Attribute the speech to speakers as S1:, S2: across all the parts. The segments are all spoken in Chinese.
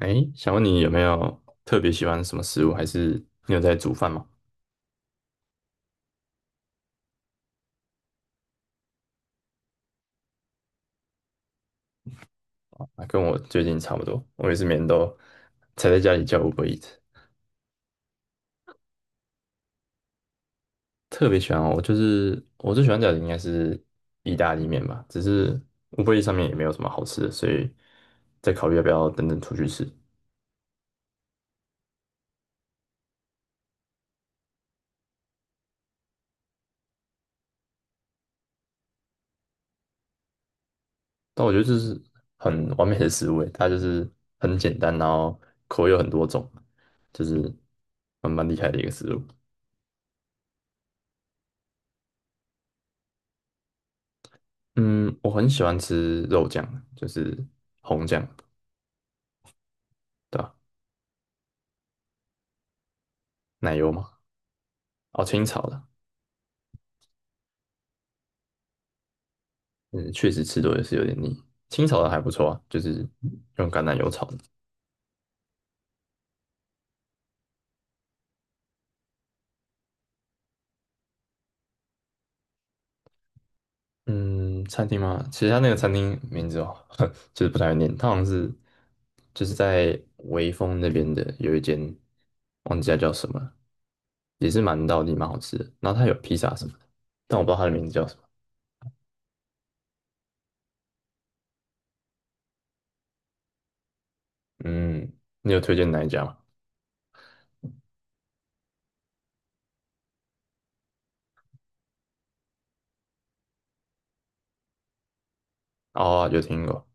S1: 哎，想问你有没有特别喜欢什么食物，还是你有在煮饭吗？啊，跟我最近差不多，我也是每天都才在家里叫 Uber e a t 特别喜欢哦，我就是我最喜欢叫的应该是意大利面吧，只是乌 b e 上面也没有什么好吃的，所以在考虑要不要等等出去吃。但我觉得这是很完美的食物诶，它就是很简单，然后口味有很多种，就是蛮厉害的一个食物。嗯，我很喜欢吃肉酱，就是红酱。对吧？奶油嘛，哦，清炒的，嗯，确实吃多也是有点腻。清炒的还不错啊，就是用橄榄油炒的。嗯，餐厅吗？其实它那个餐厅名字哦，就是不太会念，它好像是就是在微风那边的有一间，忘记它叫什么了，也是蛮道地蛮好吃的。然后它有披萨什么的，但我不知道它的名字叫什么。嗯，你有推荐哪一家吗？哦，有听过。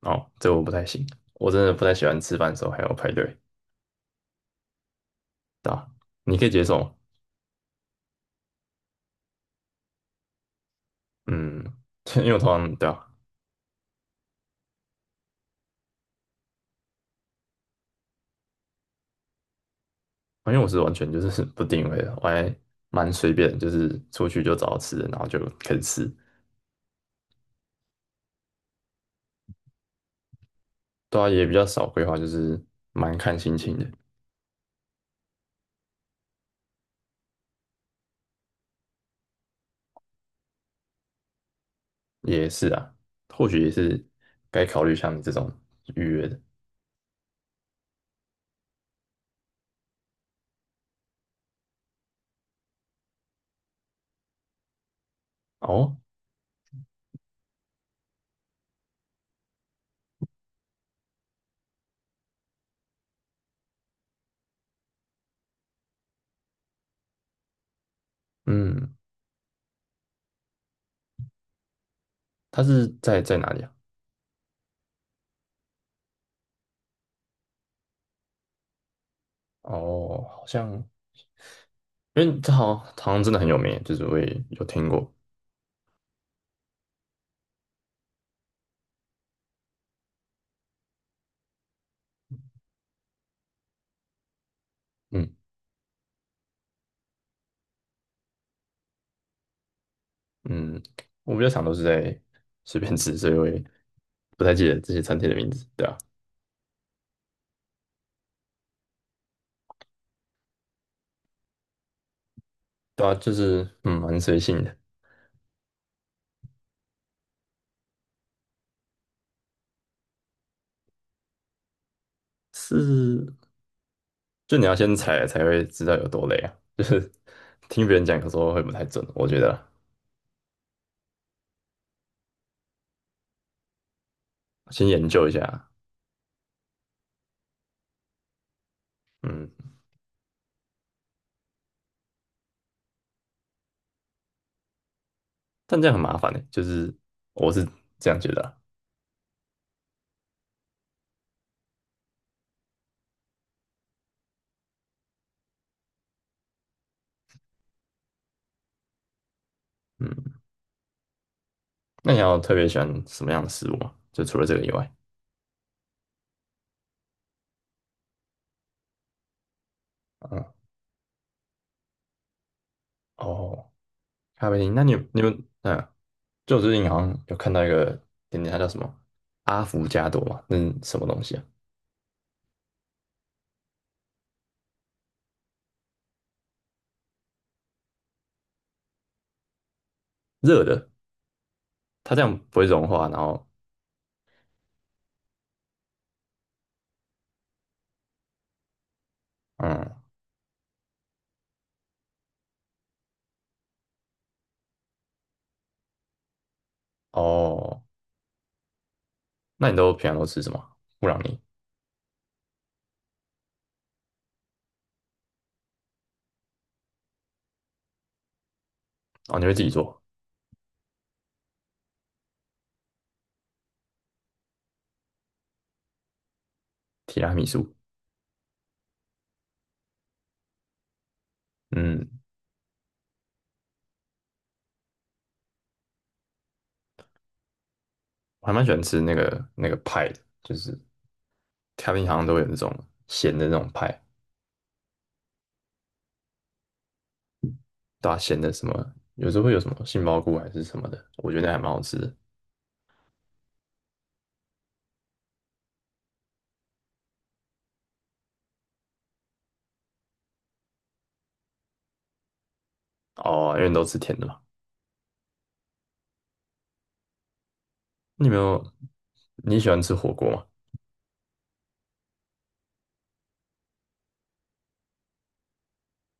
S1: 哦，这我不太行，我真的不太喜欢吃饭的时候还要排队，对吧？你可以接受吗？嗯，因为我通常对啊，因为我是完全就是 不定位的，我还蛮随便，就是出去就找到吃的，然后就开始吃。对啊，也比较少规划，就是蛮看心情的。也是啊，或许也是该考虑像你这种预约的。哦，嗯，它是在在哪里啊？哦，好像因为这好像好像真的很有名，就是我也有听过。嗯嗯，我比较常都是在随便吃，所以我也不太记得这些餐厅的名字。对啊。对啊，就是嗯，蛮随性的，是就你要先踩了才会知道有多累啊。就是听别人讲，有时候会不太准，我觉得啊先研究一下，嗯，但这样很麻烦的，就是我是这样觉得啊嗯。那你要特别喜欢什么样的食物吗？就除了这个以外，嗯，哦，咖啡厅，那你有你们嗯，就我最近好像有看到一个点点，它叫什么阿芙加朵嘛，那是什么东西啊？热的，它这样不会融化，然后嗯，哦。那你都平常都吃什么？布朗尼哦，你会自己做提拉米苏？嗯，我还蛮喜欢吃那个派的，就是咖喱好像都有那种咸的那种派，对啊，咸的什么，有时候会有什么杏鲍菇还是什么的，我觉得还蛮好吃的。哦，因为你都吃甜的嘛。你有没有你喜欢吃火锅吗？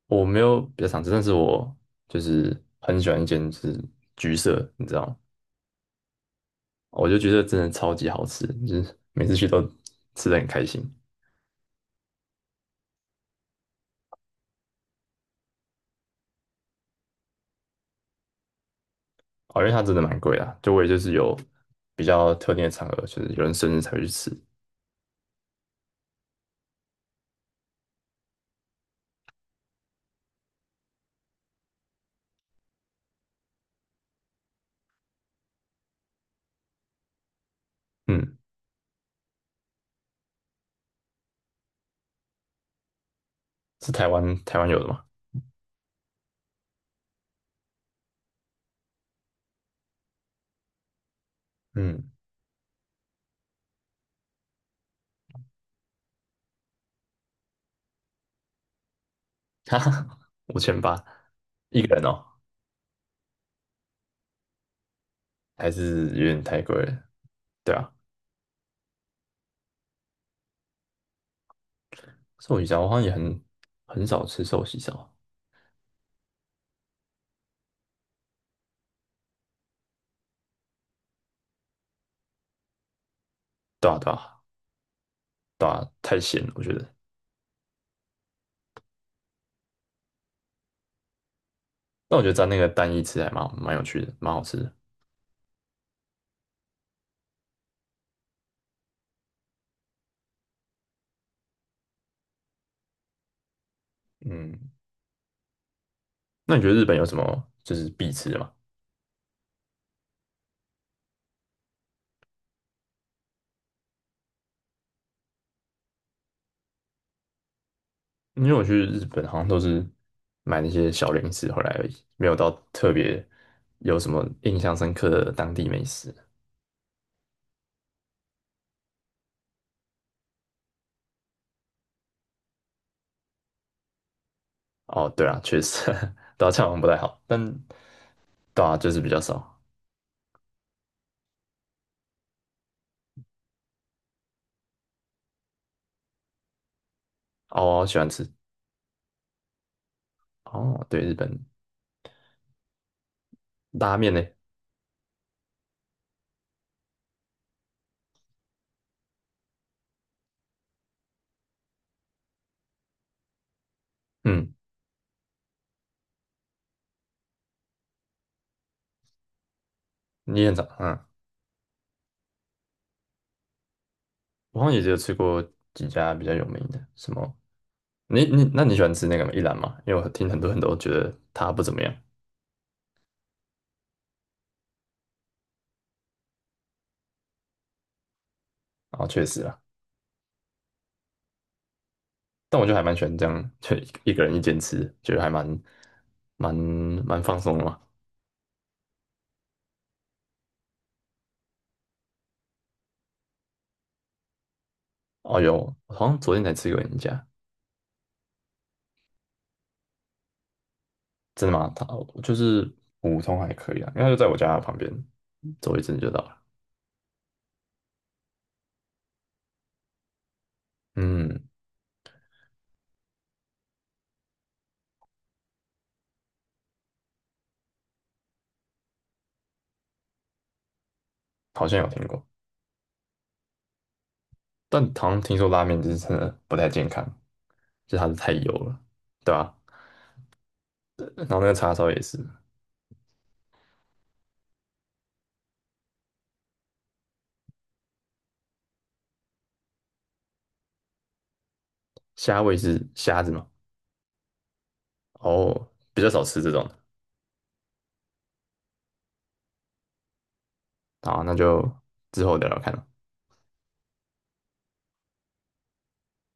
S1: 我没有比较常吃，但是我就是很喜欢一间就是橘色，你知道吗？我觉得橘色真的超级好吃，就是每次去都吃的很开心。哦，因为它真的蛮贵的啊，就我也就是有比较特定的场合，就是有人生日才会去吃。嗯，是台湾有的吗？嗯，哈哈，5800一个人哦，还是有点太贵了。对啊，寿喜烧我好像也很少吃寿喜烧，对啊对啊对啊，太咸了我觉得。但我觉得沾那个蛋一吃还蛮好蛮有趣的，蛮好吃的。嗯，那你觉得日本有什么就是必吃的吗？因为我去日本好像都是买那些小零食回来而已，没有到特别有什么印象深刻的当地美食。哦，对啊，确实，对啊，这样好像不太好，但对啊，就是比较少。哦，我喜欢吃。哦，对，日本拉面呢？嗯，你很常，嗯，我好像也只有吃过几家比较有名的，什么？你你那你喜欢吃那个吗？一兰吗？因为我听很多人都觉得它不怎么样。哦，确实啊。但我就还蛮喜欢这样，就一个人一间吃，觉得还蛮放松的嘛。哦有，我好像昨天才吃过人家，真的吗？他就是普通还可以啊，应该就在我家旁边，走一阵就到了。嗯，好像有听过，但好像听说拉面就是真的不太健康，就是它是太油了，对吧、然后那个叉烧也是，虾味是虾子嘛，哦，比较少吃这种的。好，那就之后聊聊看了。